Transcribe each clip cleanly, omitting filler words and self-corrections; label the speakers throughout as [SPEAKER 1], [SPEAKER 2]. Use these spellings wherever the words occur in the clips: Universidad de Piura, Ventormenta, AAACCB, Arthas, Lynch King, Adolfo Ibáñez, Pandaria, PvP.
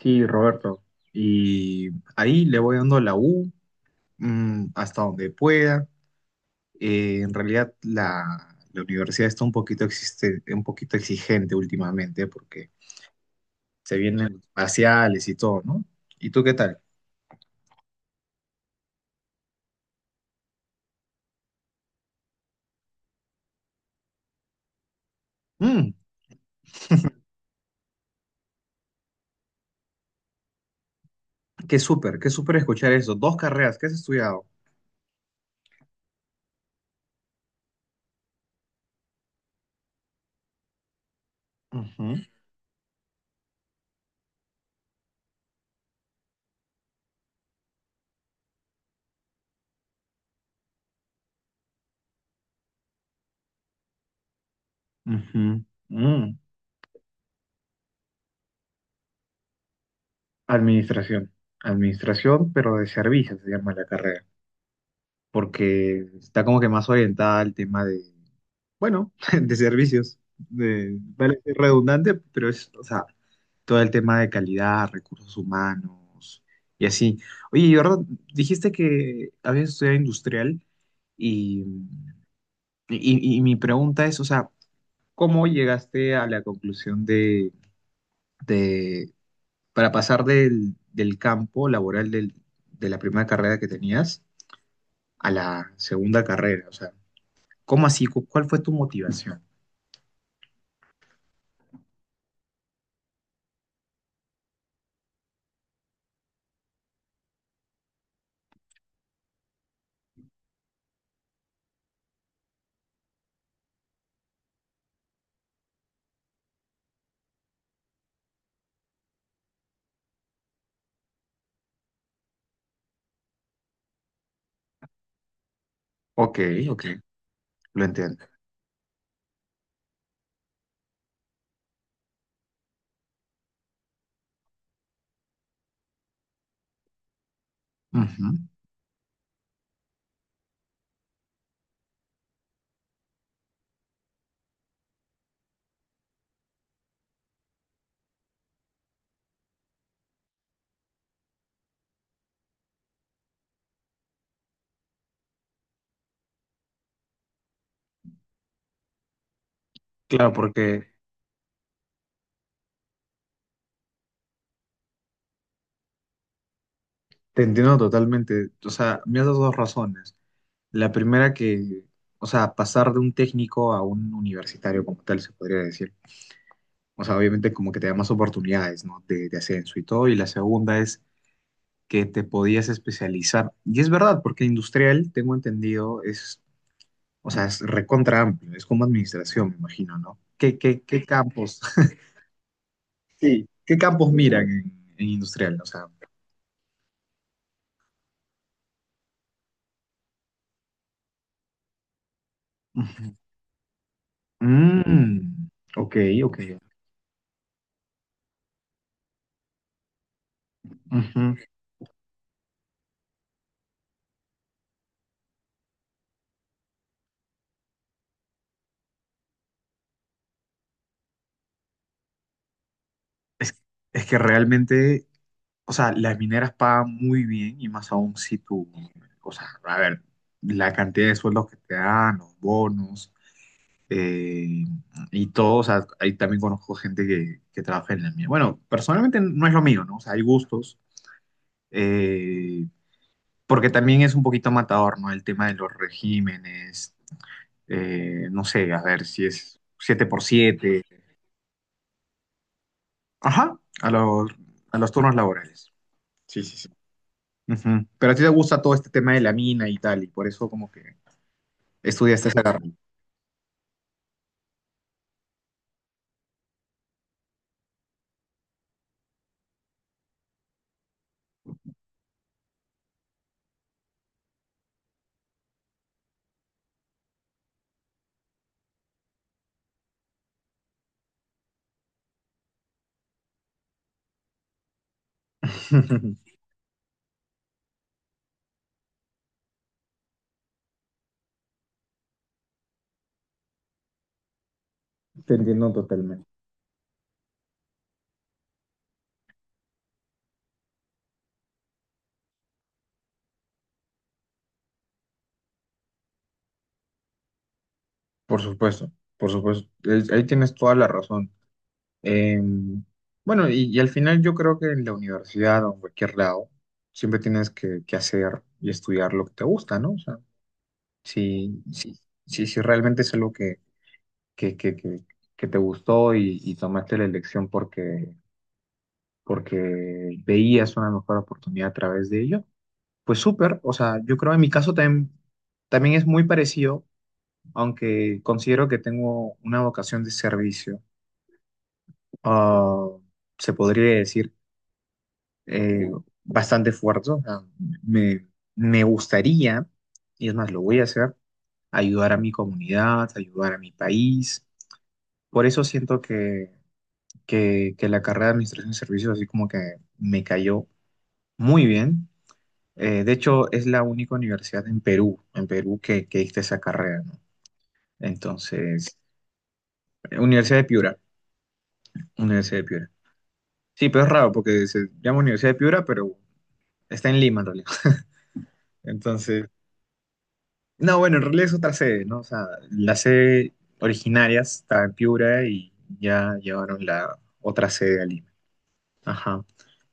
[SPEAKER 1] Sí, Roberto. Y ahí le voy dando la U hasta donde pueda. En realidad la universidad está un poquito, existe, un poquito exigente últimamente porque se vienen los parciales y todo, ¿no? ¿Y tú qué tal? Mm, qué súper escuchar eso. Dos carreras, ¿qué has estudiado? Ujú, ujú, mm. Administración. Administración, pero de servicios se llama la carrera, porque está como que más orientada al tema de bueno, de servicios. De, vale, es redundante, pero es, o sea, todo el tema de calidad, recursos humanos y así. Oye, Jordan, dijiste que habías estudiado industrial y, y mi pregunta es, o sea, ¿cómo llegaste a la conclusión de- para pasar del, del campo laboral del- de la primera carrera que tenías a la segunda carrera? O sea, ¿cómo así? ¿Cuál fue tu motivación? Ok, ok, lo entiendo. Ujú. Claro, porque te entiendo totalmente. O sea, me has dado dos razones. La primera que, o sea, pasar de un técnico a un universitario como tal, se podría decir. O sea, obviamente como que te da más oportunidades, ¿no? De ascenso y todo. Y la segunda es que te podías especializar. Y es verdad, porque industrial, tengo entendido, es, o sea, es recontra amplio. Es como administración, me imagino, ¿no? ¿Qué, qué, qué campos, sí, qué campos miran en industrial? O sea, ujú. Mm, ok, ok. Ujú. Es, es que realmente, o sea, las mineras pagan muy bien y más aún si tú, o sea, a ver, la cantidad de sueldos que te dan, los bonos eh, y todo, o sea, ahí también conozco gente que trabaja en la mina. Bueno, personalmente no es lo mío, ¿no? O sea, hay gustos, eh, porque también es un poquito matador, ¿no? El tema de los regímenes, no sé, a ver si es siete por siete. Ajá, a los turnos laborales. Sí, sí, sí. Ujú. Pero a ti te gusta todo este tema de la mina y tal, y por eso como que estudiaste esa carrera. Te entiendo totalmente. Por supuesto, por supuesto. Es- Ahí tienes toda la razón. Eh, bueno, y al final yo creo que en la universidad o en cualquier lado, siempre tienes que hacer y estudiar lo que te gusta, ¿no? O sea, si, si, si, si realmente es algo que, que, que, que te gustó y tomaste la elección porque porque veías una mejor oportunidad a través de ello. Pues súper, o sea, yo creo en mi caso también, también es muy parecido, aunque considero que tengo una vocación de servicio, ah, se podría decir, eh, bastante fuerte. O sea, me, me gustaría, y es más, lo voy a hacer, ayudar a mi comunidad, ayudar a mi país. Por eso siento que la carrera de Administración de Servicios así como que me cayó muy bien. De hecho, es la única universidad en Perú que diste esa carrera, ¿no? Entonces, Universidad de Piura, Universidad de Piura. Sí, pero es raro porque se llama Universidad de Piura, pero está en Lima en realidad. Entonces, no, bueno, en realidad es otra sede, ¿no? O sea, la sede originaria está en Piura y ya llevaron la otra sede a Lima. Ajá.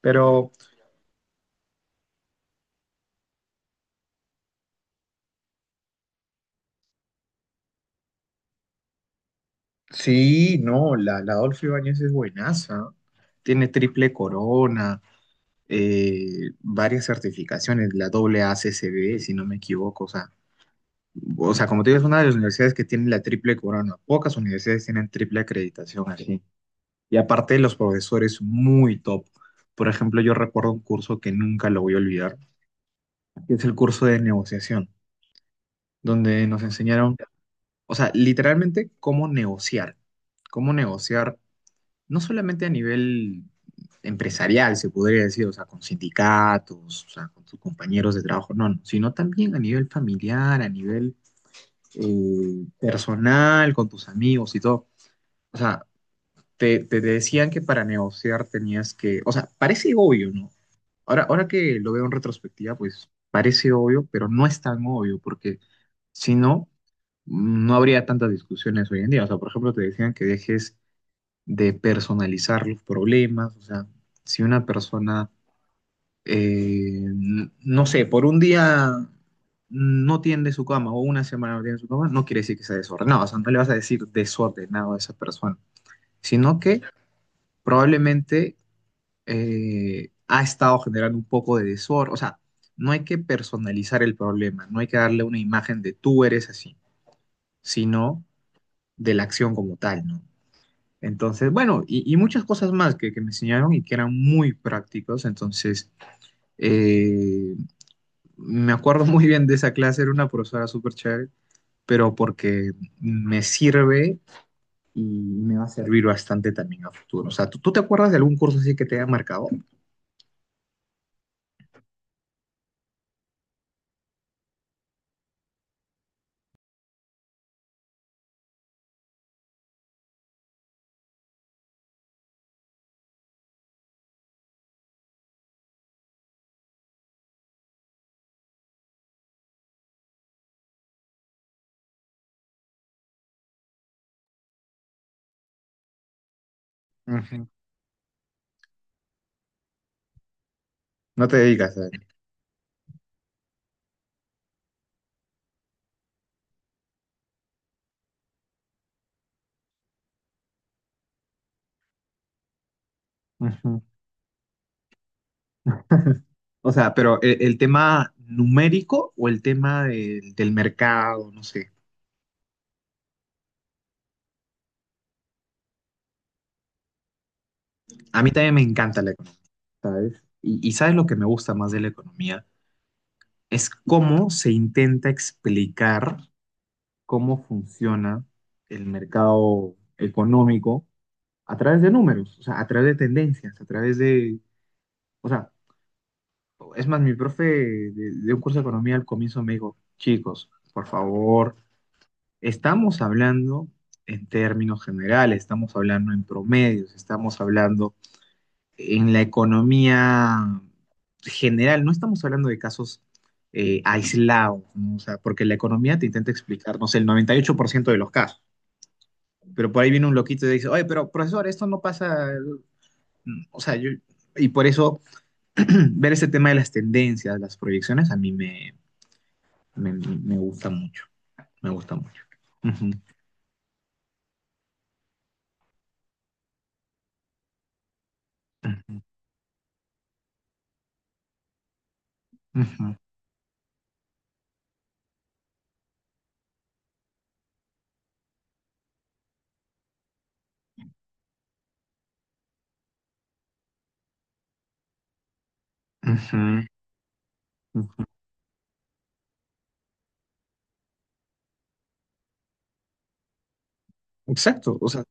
[SPEAKER 1] Pero sí, no, la, la Adolfo Ibáñez es buenaza. Tiene triple corona varias certificaciones, la AAACCB, si no me equivoco, o sea, como te digo, es una de las universidades que tiene la triple corona, pocas universidades tienen triple acreditación así, y aparte los profesores muy top. Por ejemplo, yo recuerdo un curso que nunca lo voy a olvidar, que es el curso de negociación, donde nos enseñaron, o sea, literalmente cómo negociar no solamente a nivel empresarial, se podría decir, o sea, con sindicatos, o sea, con sus compañeros de trabajo, no, no, sino también a nivel familiar, a nivel personal, con tus amigos y todo. O sea, te decían que para negociar tenías que, o sea, parece obvio, ¿no? Ahora, ahora que lo veo en retrospectiva, pues parece obvio, pero no es tan obvio, porque si no, no habría tantas discusiones hoy en día. O sea, por ejemplo, te decían que dejes de personalizar los problemas. O sea, si una persona, no sé, por un día no tiende su cama o una semana no tiende su cama, no quiere decir que sea desordenado. O sea, no le vas a decir desordenado a esa persona, sino que probablemente ha estado generando un poco de desorden. O sea, no hay que personalizar el problema, no hay que darle una imagen de tú eres así, sino de la acción como tal, ¿no? Entonces, bueno, y muchas cosas más que me enseñaron y que eran muy prácticos. Entonces, eh, me acuerdo muy bien de esa clase, era una profesora súper chévere, pero porque me sirve y me va a servir bastante también a futuro. O sea, ¿tú, tú te acuerdas de algún curso así que te haya marcado? Ujú, no te digas a ujú. O sea, pero el tema numérico o el tema del mercado, no sé. A mí también me encanta la economía, ¿sabes? Y ¿sabes lo que me gusta más de la economía? Es cómo se intenta explicar cómo funciona el mercado económico a través de números, o sea, a través de tendencias, a través de, o sea, es más, mi profe de un curso de economía al comienzo me dijo, chicos, por favor, estamos hablando en términos generales, estamos hablando en promedios, estamos hablando en la economía general, no estamos hablando de casos aislados, ¿no? O sea, porque la economía te intenta explicar, no sé, el 98% de los casos. Pero por ahí viene un loquito y dice, oye, pero profesor, esto no pasa, mm, o sea, yo, y por eso ver ese tema de las tendencias, las proyecciones, a mí me, me, me gusta mucho, me gusta mucho. Ujú, ujú, ujú, ujú, ujú. Exacto, o sea,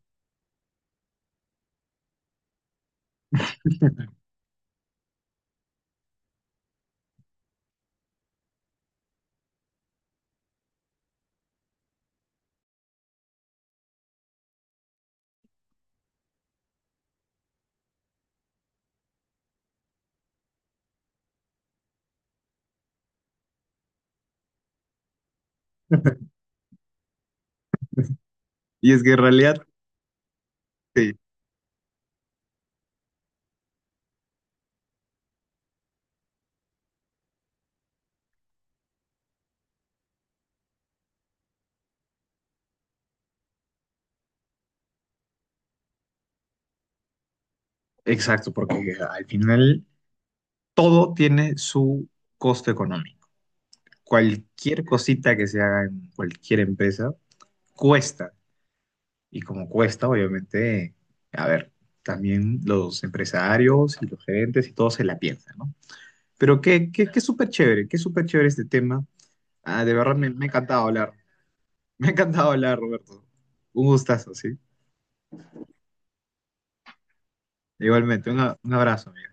[SPEAKER 1] y es que en realidad, sí, exacto, porque al final todo tiene su costo económico. Cualquier cosita que se haga en cualquier empresa cuesta. Y como cuesta, obviamente, a ver, también los empresarios y los gerentes y todos se la piensan, ¿no? Pero qué, qué, qué súper chévere este tema. Ah, de verdad me, me ha encantado hablar. Me ha encantado hablar, Roberto. Un gustazo, ¿sí? Igualmente, un, un abrazo, amigo.